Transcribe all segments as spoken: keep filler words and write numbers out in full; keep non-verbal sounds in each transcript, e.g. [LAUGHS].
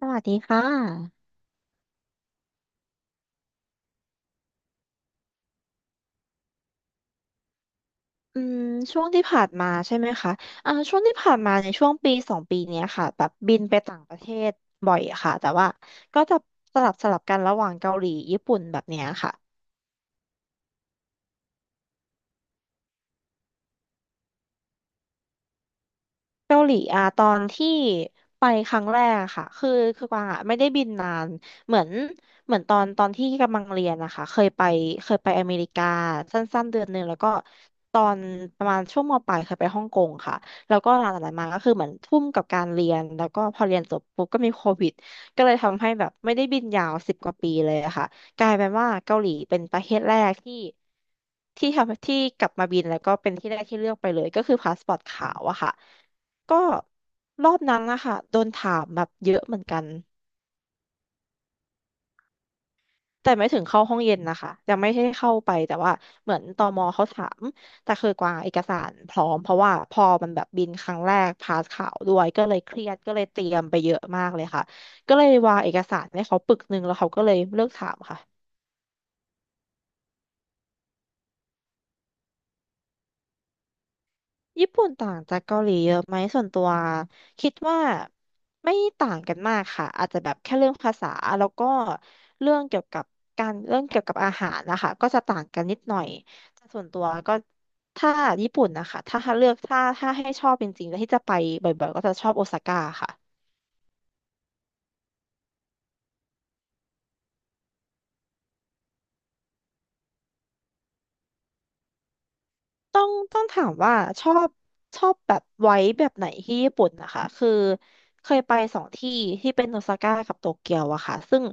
สวัสดีค่ะอืมช่วงที่ผ่านมาใช่ไหมคะอ่าช่วงที่ผ่านมาในช่วงปีสองปีเนี้ยค่ะแบบบินไปต่างประเทศบ่อยค่ะ แต่ว่าก็จะสลับสลับกันระหว่างเกาหลีญี่ปุ่นแบบเนี้ยค่ะ เกาหลีอะตอนที่ไปครั้งแรกอะค่ะคือคือกวางอะไม่ได้บินนานเหมือนเหมือนตอนตอนที่กำลังเรียนนะคะเคยไปเคยไปอเมริกาสั้นๆเดือนหนึ่งแล้วก็ตอนประมาณช่วงมปลายเคยไปฮ่องกงค่ะแล้วก็หลังจากนั้นมาก็คือเหมือนทุ่มกับการเรียนแล้วก็พอเรียนจบปุ๊บก็มีโควิดก็เลยทำให้แบบไม่ได้บินยาวสิบกว่าปีเลยอะค่ะกลายเป็นว่าเกาหลีเป็นประเทศแรกที่ที่ทำที่กลับมาบินแล้วก็เป็นที่แรกที่เลือกไปเลยก็คือพาสปอร์ตขาวอะค่ะ ก็รอบนั้นนะคะโดนถามแบบเยอะเหมือนกันแต่ไม่ถึงเข้าห้องเย็นนะคะยังไม่ได้เข้าไปแต่ว่าเหมือนตมเขาถามแต่คือกวางเอกสารพร้อมเพราะว่าพอมันแบบบินครั้งแรกพาสข่าวด้วยก็เลยเครียดก็เลยเตรียมไปเยอะมากเลยค่ะก็เลยวางเอกสารให้เขาปึกหนึ่งแล้วเขาก็เลยเลิกถามค่ะ ญี่ปุ่นต่างจากเกาหลีเยอะไหมส่วนตัวคิดว่าไม่ต่างกันมากค่ะอาจจะแบบแค่เรื่องภาษาแล้วก็เรื่องเกี่ยวกับการเรื่องเกี่ยวกับอาหารนะคะก็จะต่างกันนิดหน่อยแต่ส่วนตัวก็ถ้าญี่ปุ่นนะคะถ้าเลือกถ้าถ้าให้ชอบจริงๆแล้วที่จะไปบ่อยๆก็จะชอบโอซาก้าค่ะ ต้องต้องถามว่าชอบชอบแบบไว้แบบไหนที่ญี่ปุ่นนะคะคือเคยไปสองที่ที่เป็นโอซาก้ากับโตเกียวอะค่ะซึ่ง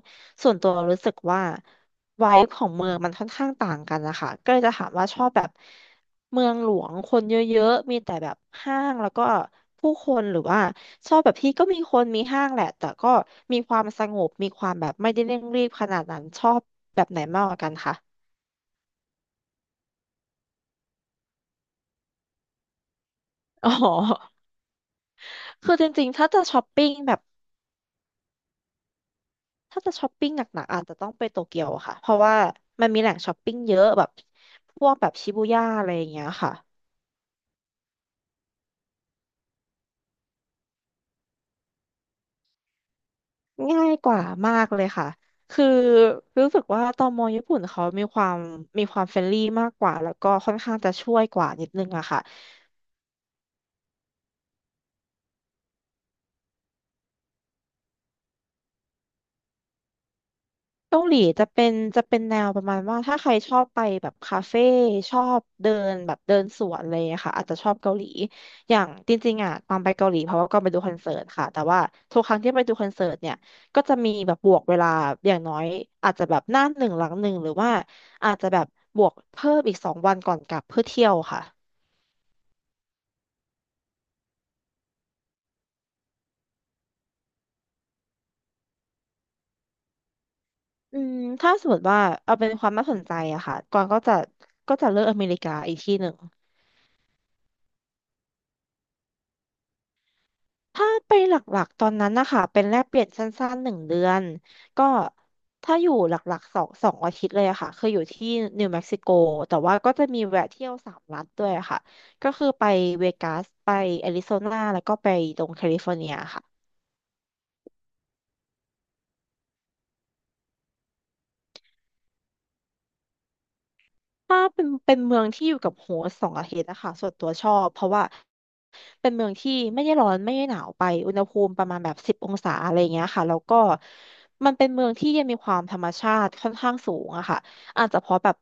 ส่วนตัวรู้สึกว่าไว้ของเมืองมันค่อนข้างต่างกันนะคะก็เลยจะถามว่าชอบแบบเมืองหลวงคนเยอะๆมีแต่แบบห้างแล้วก็ผู้คนหรือว่าชอบแบบที่ก็มีคนมีห้างแหละแต่ก็มีความสงบมีความแบบไม่ได้เร่งรีบขนาดนั้นชอบแบบไหนมากกว่ากันคะคือจริงๆถ้า ถ้าจะช้อปปิ้งหนักๆอาจจะต้องไปโตเกียวอะค่ะเพราะว่ามันมีแหล่งช้อปปิ้งเยอะแบบพวกแบบชิบูย่าอะไรอย่างเงี้ยค่ะง่ายกว่ามากเลยค่ะคือรู้สึกว่าตมญี่ปุ่นเขามีความมีความเฟรนลี่มากกว่าแล้วก็ค่อนข้างจะช่วยกว่านิดนึงอะค่ะ เกาหลีจะเป็นจะเป็นแนวประมาณว่าถ้าใครชอบไปแบบคาเฟ่ชอบเดินแบบเดินสวนเลยอะรค่ะอาจจะชอบเกาหลีอย่างจริงๆอ่ะตอนไปเกาหลีเพราะว่าก็ไปดูคอนเสิร์ตค่ะแต่ว่าทุกครั้งที่ไปดูคอนเสิร์ตเนี่ยก็จะมีแบบบวกเวลาอย่างน้อยอาจจะแบบหน้าหนึ่งหลังหนึ่งหรือว่าอาจจะแบบบวกเพิ่มอีกสองวันก่อนกลับเพื่อเที่ยวค่ะอืมถ้าสมมติว่าเอาเป็นความน่าสนใจอะค่ะก่านก็จะก็จะเลือกอเมริกาอีกที่หนึ่ง ถ้าไปหลักๆตอนนั้นนะคะเป็นแลกเปลี่ยนสั้นๆหนึ่งเดือนก็ถ้าอยู่หลักๆสองสองอาทิตย์เลยอะค่ะคืออยู่ที่นิวเม็กซิโกแต่ว่าก็จะมีแวะเที่ยวสามรัฐด้วยอะค่ะก็คือไปเวกัสไปแอริโซนาแล้วก็ไปตรงแคลิฟอร์เนียค่ะ ถ้าเป็นเป็นเมืองที่อยู่กับโฮสต์สองอาทิตย์นะคะส่วนตัวชอบเพราะว่าเป็นเมืองที่ไม่ได้ร้อนไม่ได้หนาวไปอุณหภูมิประมาณแบบสิบองศาอะไรเงี้ยค่ะแล้วก็มันเป็นเมืองที่ยังมีความธรรมชาติค่อนข้างสูงอะค่ะอาจจะเพราะแบบ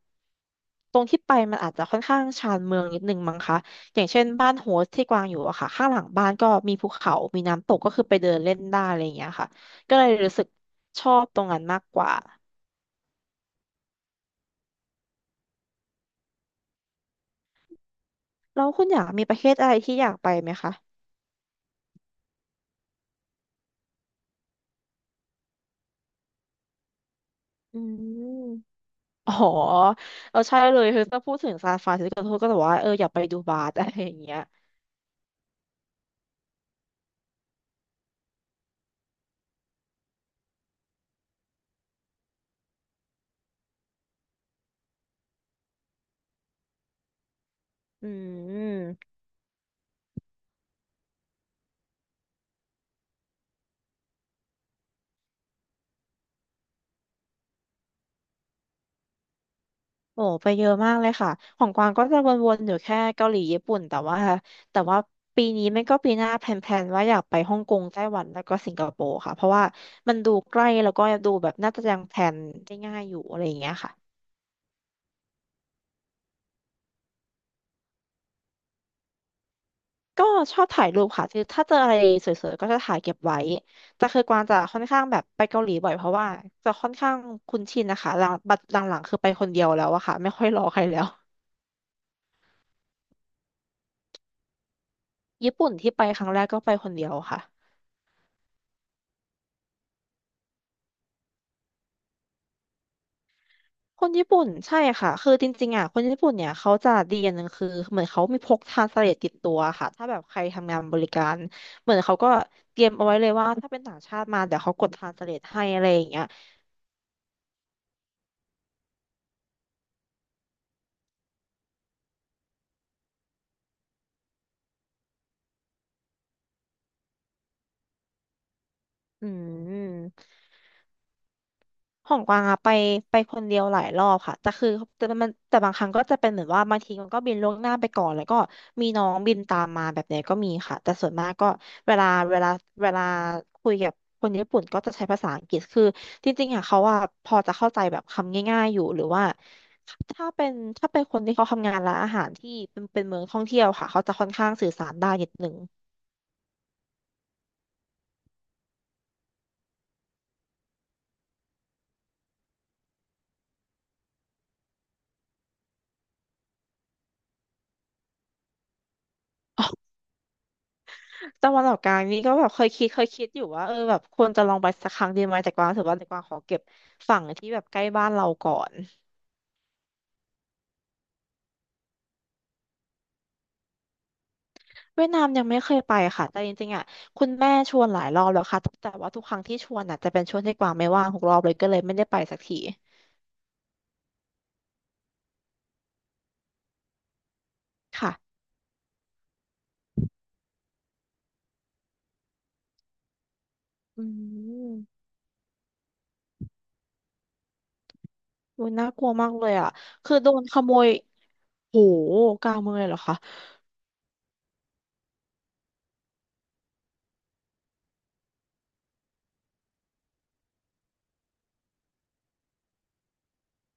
ตรงที่ไปมันอาจจะค่อนข้างชานเมืองนิดนึงมั้งคะอย่างเช่นบ้านโฮสต์ที่กวางอยู่อะค่ะข้างหลังบ้านก็มีภูเขามีน้ำตกก็คือไปเดินเล่นได้อะไรเงี้ยค่ะก็เลยรู้สึกชอบตรงนั้นมากกว่าประเทศอะไรที่อยากไปไหมคะ อ๋อเราใช่เลยคือถ้าพูดถึงซานฟรานซิสโกก็แต่อว่าเอออยากไปดูบาร์ [LAUGHS] อะไรอย่างเงี้ยอืมโอ้ไปเยอะมากเลยค่ะ ของกวางก็จะวนๆอยู่แค่เกาหลีญี่ปุ่นแต่ว่าแต่ว่าปีนี้ไม่ก็ปีหน้าแพลนๆ ว่าอยากไปฮ่องกงไต้หวันแล้วก็สิงคโปร์ค่ะเพราะว่ามันดูใกล้แล้วก็ดูแบบน่าจะยังแพลนได้ง่ายอยู่อะไรอย่างเงี้ยค่ะ ก็ชอบถ่ายรูปค่ะคือถ้าเจออะไรสวยๆก็จะถ่ายเก็บไว้แต่คือกวางจะค่อนข้างแบบไปเกาหลีบ่อยเพราะว่าจะค่อนข้างคุ้นชินนะคะหลังบัดหลังๆคือไปคนเดียวแล้วอะค่ะไม่ค่อยรอใครแล้วญี่ปุ่นที่ไปครั้งแรกก็ไปคนเดียวค่ะคนญี่ปุ่นใช่ค่ะคือจริงๆอะคนญี่ปุ่นเนี่ยเขาจะดีอย่างหนึ่งคือเหมือนเขามีพกทรานสเลทติดตัวค่ะถ้าแบบใครทำงานบริการเหมือนเขาก็เตรียมเอาไว้เลยว่าถ้าเป็นต่างชาติมาเดี๋ยวเขากดทรานสเลทให้อะไรอย่างเงี้ยอืม ของกวางอะไปไปคนเดียวหลายรอบค่ะแต่คือแต่มันแต่บางครั้งก็จะเป็นเหมือนว่าบางทีมันก็บินล่วงหน้าไปก่อนแล้วก็มีน้องบินตามมาแบบเนี้ยก็มีค่ะแต่ส่วนมากก็เวลาเวลาเวลาคุยกับคนญี่ปุ่นก็จะใช้ภาษาอังกฤษคือจริงๆอะเขาอะพอจะเข้าใจแบบคำง่ายๆอยู่หรือว่าถ้าเป็นถ้าเป็นคนที่เขาทำงานร้านอาหารที่เป็นเป็นเมืองท่องเที่ยวค่ะเขาจะค่อนข้างสื่อสารได้นิดนึง ตะวันออกกลางนี่ก็แบบเคยคิดเคยคิดอยู่ว่าเออแบบควรจะลองไปสักครั้งดีไหมแต่กวางรู้สึกว่าแต่กวางขอเก็บฝั่งที่แบบใกล้บ้านเราก่อนเวียดนามยังไม่เคยไปค่ะแต่จริงๆอ่ะคุณแม่ชวนหลายรอบแล้วค่ะแต่ว่าทุกครั้งที่ชวนอ่ะจะเป็นช่วงที่กวางไม่ว่างทุกรอบเลยก็เลยไม่ได้ไปสักทีค่ะอืมโอ้ยน่ากลัวมากเลยอ่ะคือโดนขโมยโหกลางเมืองเลยเหรอคะ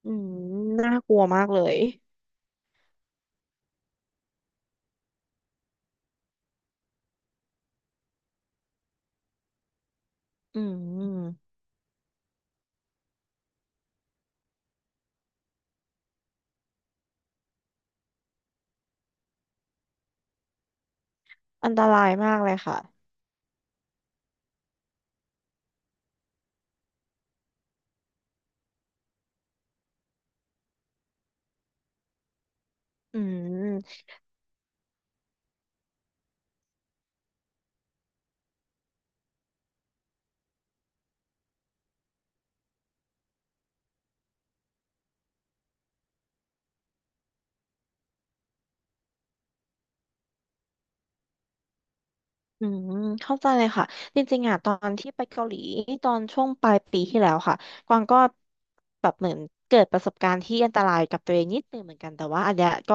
อืมน่ากลัวมากเลยอืมอันตรายมากอืม อืมเข้าใจเลยค่ะจริงๆอ่ะตอนที่ไปเกาหลีตอนช่วงปลายปีที่แล้วค่ะกวางก็แบบเหมือนเกิดประสบการณ์ที่อันตรายกับตัวเองนิดนึงเหมือนกันแต่ว่าอันเนี้ยก็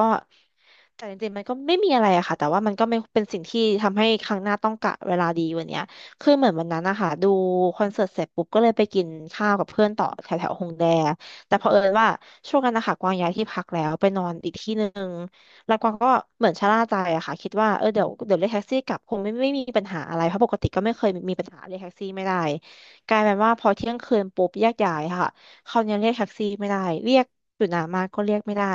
แต่จริงๆมันก็ไม่มีอะไรอะค่ะแต่ว่ามันก็ไม่เป็นสิ่งที่ทำให้ครั้งหน้าต้องกะเวลาดีกวันเนี้ยคือเหมือนวันนั้นนะคะดูคอนเสิร์ตเสร็จปุ๊บก็เลยไปกินข้าวกับเพื่อนต่อแถวแถวฮงแด แต่เผอิญว่าช่วงนั้นนะคะกวางย้ายที่พักแล้วไปนอนอีกที่หนึ่งแล้วกวางก็เหมือนชะล่าใจอะค่ะคิดว่าเออเดี๋ยวเดี๋ยวเรียกแท็กซี่กลับคงไม่ไม่มมีปัญหาอะไรเพราะปกติก็ไม่เคยมีปัญหาเรียกแท็กซี่ไม่ได้กลายเป็นว่าพอเที่ยงคืนปุ๊บแยกย้ายค่ะเขาวนี้เรียกแท็กซี่ไม่ได้เรียกอยู่นานมากก็เรียกไม่ได้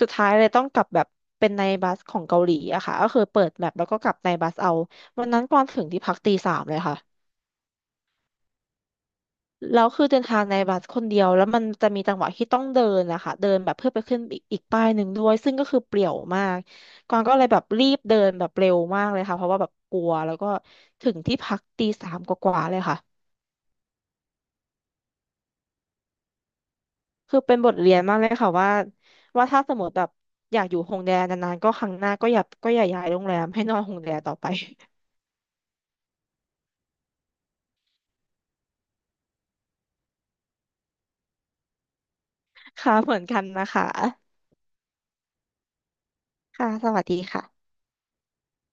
สุดท้ายเลยต้องกลับแบบเป็นในบัสของเกาหลีอะค่ะก็คือเปิดแมปแล้วก็กลับในบัสเอาวันนั้นกวางถึงที่พักตีสามเลยค่ะ แล้วคือเดินทางในบัสคนเดียวแล้วมันจะมีจังหวะที่ต้องเดินนะคะเดินแบบเพื่อไปขึ้นอีกอีกป้ายหนึ่งด้วยซึ่งก็คือเปลี่ยวมากกวางก็เลยแบบรีบเดินแบบเร็วมากเลยค่ะเพราะว่าแบบกลัวแล้วก็ถึงที่พักตีสามกว่าๆเลยค่ะคือเป็นบทเรียนมากเลยค่ะว่าว่าถ้าสมมติแบบอยากอยู่โฮงแดนนานๆก็ครั้งหน้าก็อย่าก็อย่าย้ายโรงแรมให้นอนโฮงแดนต่อไป [LAUGHS] ค่ะเหมือนกันนะคะค่ะสวัสดีค่ะ